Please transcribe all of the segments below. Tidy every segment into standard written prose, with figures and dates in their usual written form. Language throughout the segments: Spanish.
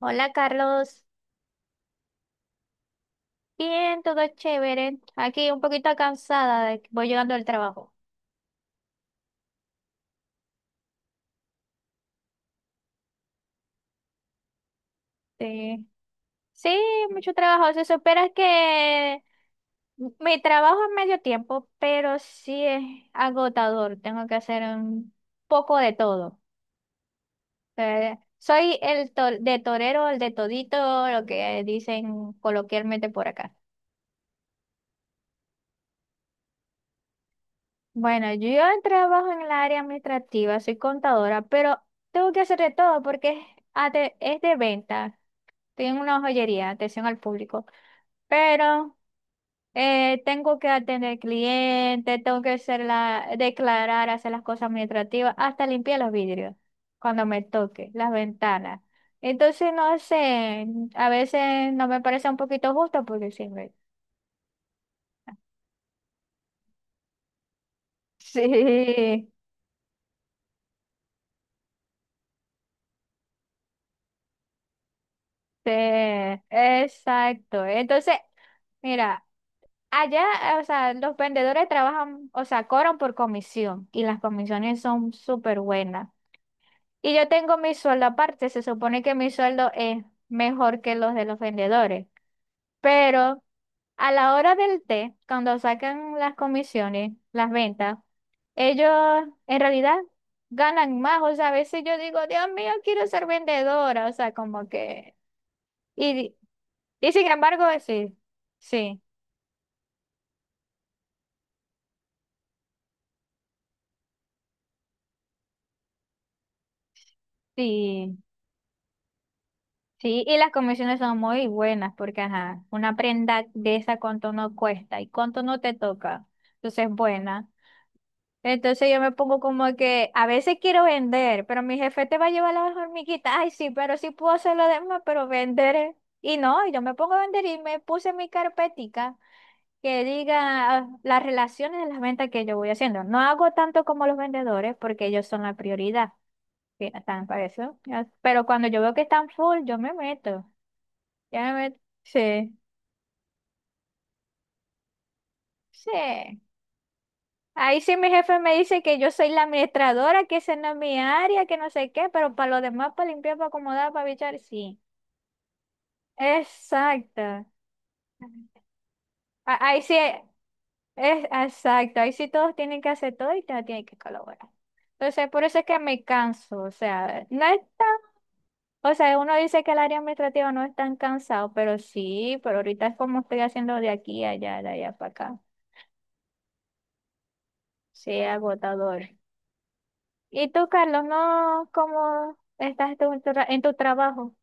Hola, Carlos, bien, todo chévere. Aquí un poquito cansada de que voy llegando del trabajo. Sí, sí, mucho trabajo. Se supera que mi trabajo es medio tiempo, pero sí es agotador. Tengo que hacer un poco de todo. Soy el to- de torero, el de todito, lo que dicen coloquialmente por acá. Bueno, yo trabajo en el área administrativa, soy contadora, pero tengo que hacer de todo porque es, es de venta. Estoy en una joyería, atención al público. Pero tengo que atender clientes, tengo que hacer la, declarar, hacer las cosas administrativas, hasta limpiar los vidrios cuando me toque, las ventanas. Entonces, no sé, a veces no me parece un poquito justo porque siempre. Sí. Sí, exacto. Entonces, mira, allá, o sea, los vendedores trabajan, o sea, cobran por comisión y las comisiones son súper buenas. Y yo tengo mi sueldo aparte, se supone que mi sueldo es mejor que los de los vendedores, pero a la hora del té, cuando sacan las comisiones, las ventas, ellos en realidad ganan más. O sea, a veces yo digo, Dios mío, quiero ser vendedora, o sea, como que... Y y sin embargo, sí, sí, sí, sí, y las comisiones son muy buenas porque, ajá, una prenda de esa cuánto no cuesta y cuánto no te toca, entonces es buena. Entonces yo me pongo como que a veces quiero vender, pero mi jefe te va a llevar las hormiguitas, ay sí, pero sí puedo hacer lo demás, pero vender, eh. Y no, y yo me pongo a vender y me puse mi carpetica que diga ah, las relaciones de las ventas que yo voy haciendo. No hago tanto como los vendedores porque ellos son la prioridad. Sí, están para eso. Pero cuando yo veo que están full, yo me meto. Ya me meto. Sí, sí. Ahí sí mi jefe me dice que yo soy la administradora, que esa no es mi área, que no sé qué, pero para lo demás, para limpiar, para acomodar, para bichar, sí. Exacto. Ahí sí, es exacto. Ahí sí todos tienen que hacer todo y todos tienen que colaborar. Entonces, por eso es que me canso. O sea, no es. O sea, uno dice que el área administrativa no es tan cansado, pero sí, pero ahorita es como estoy haciendo de aquí a allá, de allá para acá. Sí, es agotador. ¿Y tú, Carlos, no? ¿Cómo estás tú en tu, en tu trabajo?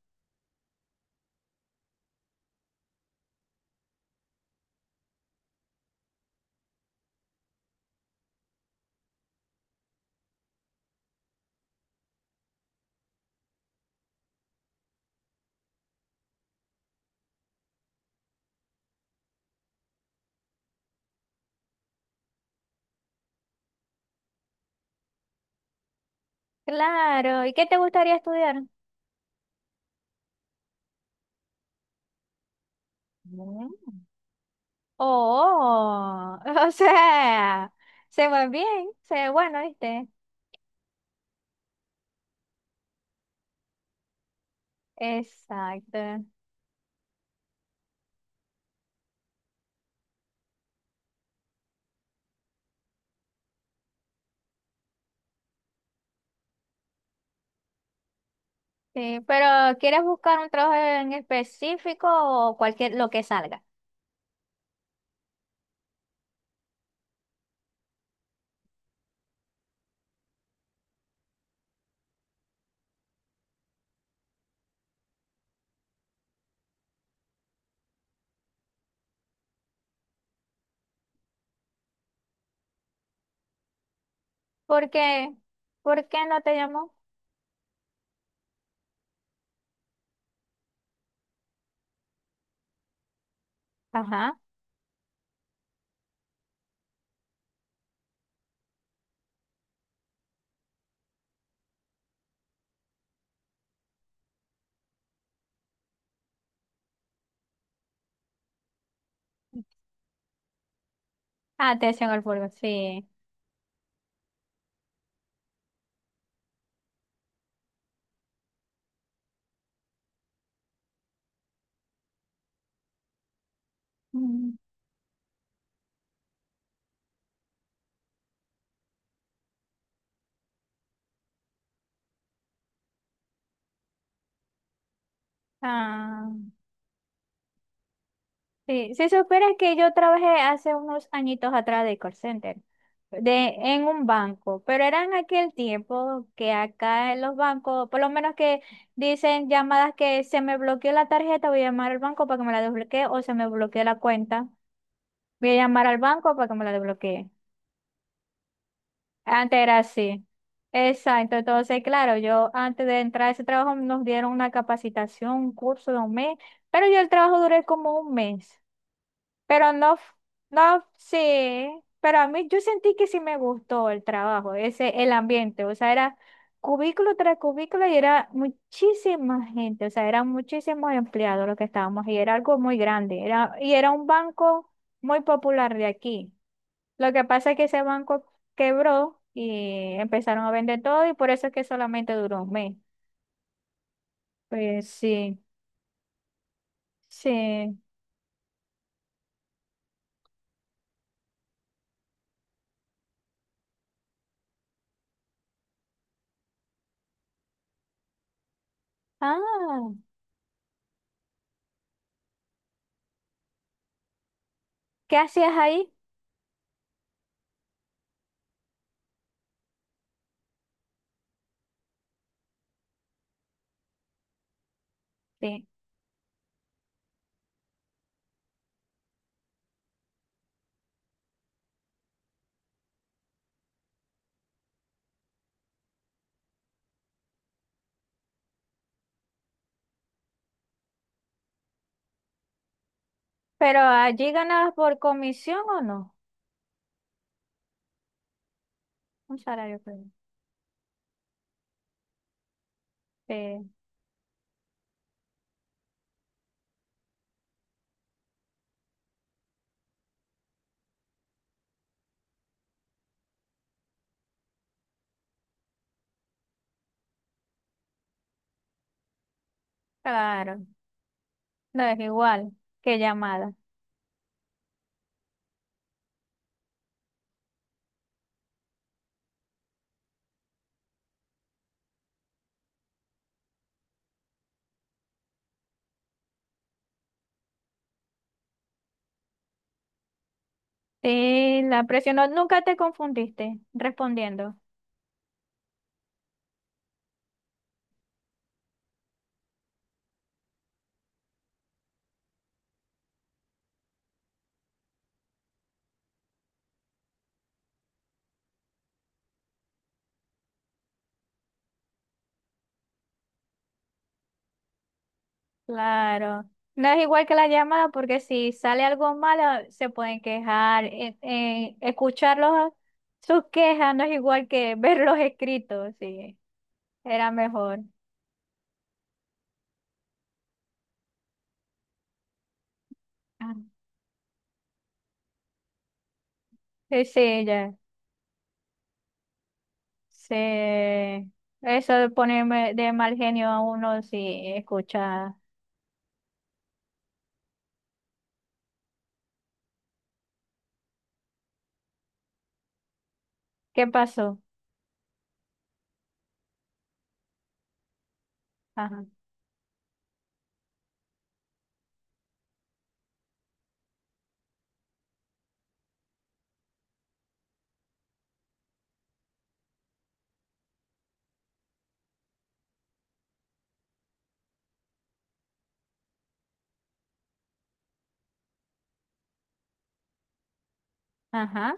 Claro. ¿Y qué te gustaría estudiar? Mm. Oh, o sea, se va bien, se ve bueno, ¿viste? Exacto. Sí, pero ¿quieres buscar un trabajo en específico o cualquier lo que salga? ¿Por qué? ¿Por qué no te llamó? Ajá. Ah, atención al público, sí. Mm. Ah, sí. Si supieras que yo trabajé hace unos añitos atrás de call center, de, en un banco, pero era en aquel tiempo que acá en los bancos, por lo menos que dicen llamadas que se me bloqueó la tarjeta, voy a llamar al banco para que me la desbloquee, o se me bloqueó la cuenta, voy a llamar al banco para que me la desbloquee. Antes era así. Exacto. Entonces, claro, yo antes de entrar a ese trabajo nos dieron una capacitación, un curso de un mes, pero yo el trabajo duré como un mes. Pero no, no, sí, pero a mí yo sentí que sí me gustó el trabajo, ese, el ambiente, o sea, era cubículo tras cubículo y era muchísima gente, o sea, eran muchísimos empleados los que estábamos y era algo muy grande, era, y era un banco muy popular de aquí. Lo que pasa es que ese banco quebró y empezaron a vender todo y por eso es que solamente duró un mes. Pues sí, sí. Ah, ¿qué hacías ahí? Sí. ¿Pero allí ganabas por comisión o no? Un salario previo. Sí, claro. No es igual. Qué llamada. Sí, la presión. No, nunca te confundiste respondiendo. Claro. No es igual que la llamada porque si sale algo malo se pueden quejar. Escucharlos sus quejas no es igual que verlos escritos, sí. Era mejor. Ah, sí, sí, ya. Sí. Eso de ponerme de mal genio a uno si escucha. ¿Qué pasó? Ajá. Ajá.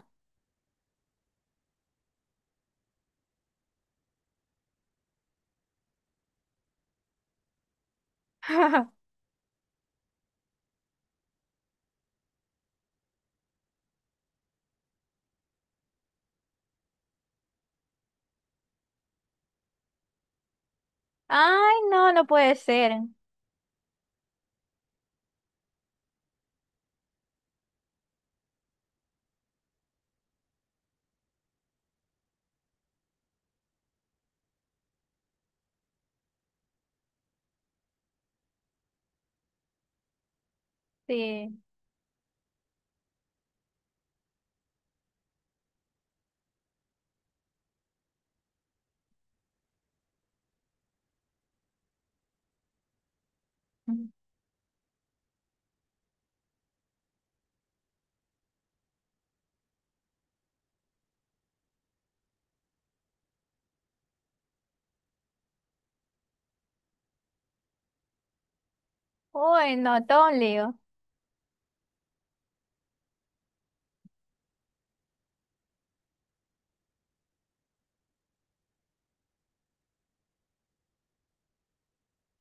Ay, no, no puede ser. Sí. Uy, no, todo un lío.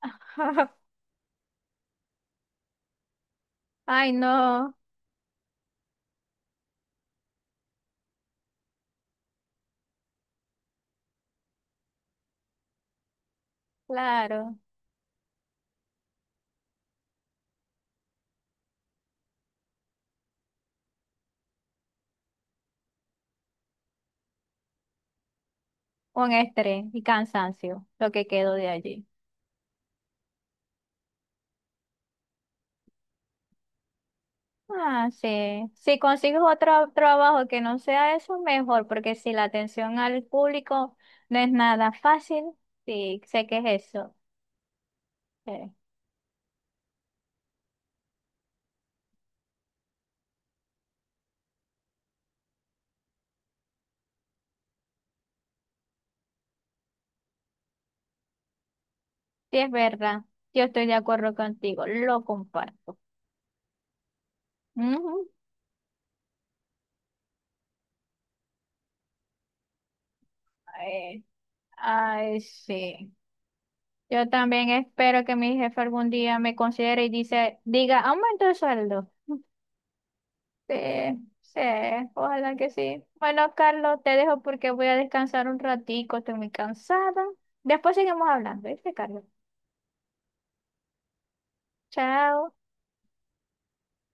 Ay, no, claro. Un estrés y cansancio, lo que quedó de allí. Ah, sí. Si consigues otro trabajo que no sea eso, mejor, porque si la atención al público no es nada fácil, sí, sé que es eso. Sí, sí, es verdad. Yo estoy de acuerdo contigo, lo comparto. Ujú. Ay, ay, sí. Yo también espero que mi jefe algún día me considere y dice, diga, aumento el sueldo. Sí, sí, ojalá que sí. Bueno, Carlos, te dejo porque voy a descansar un ratico, estoy muy cansada. Después seguimos hablando, ¿viste, Carlos? Chao.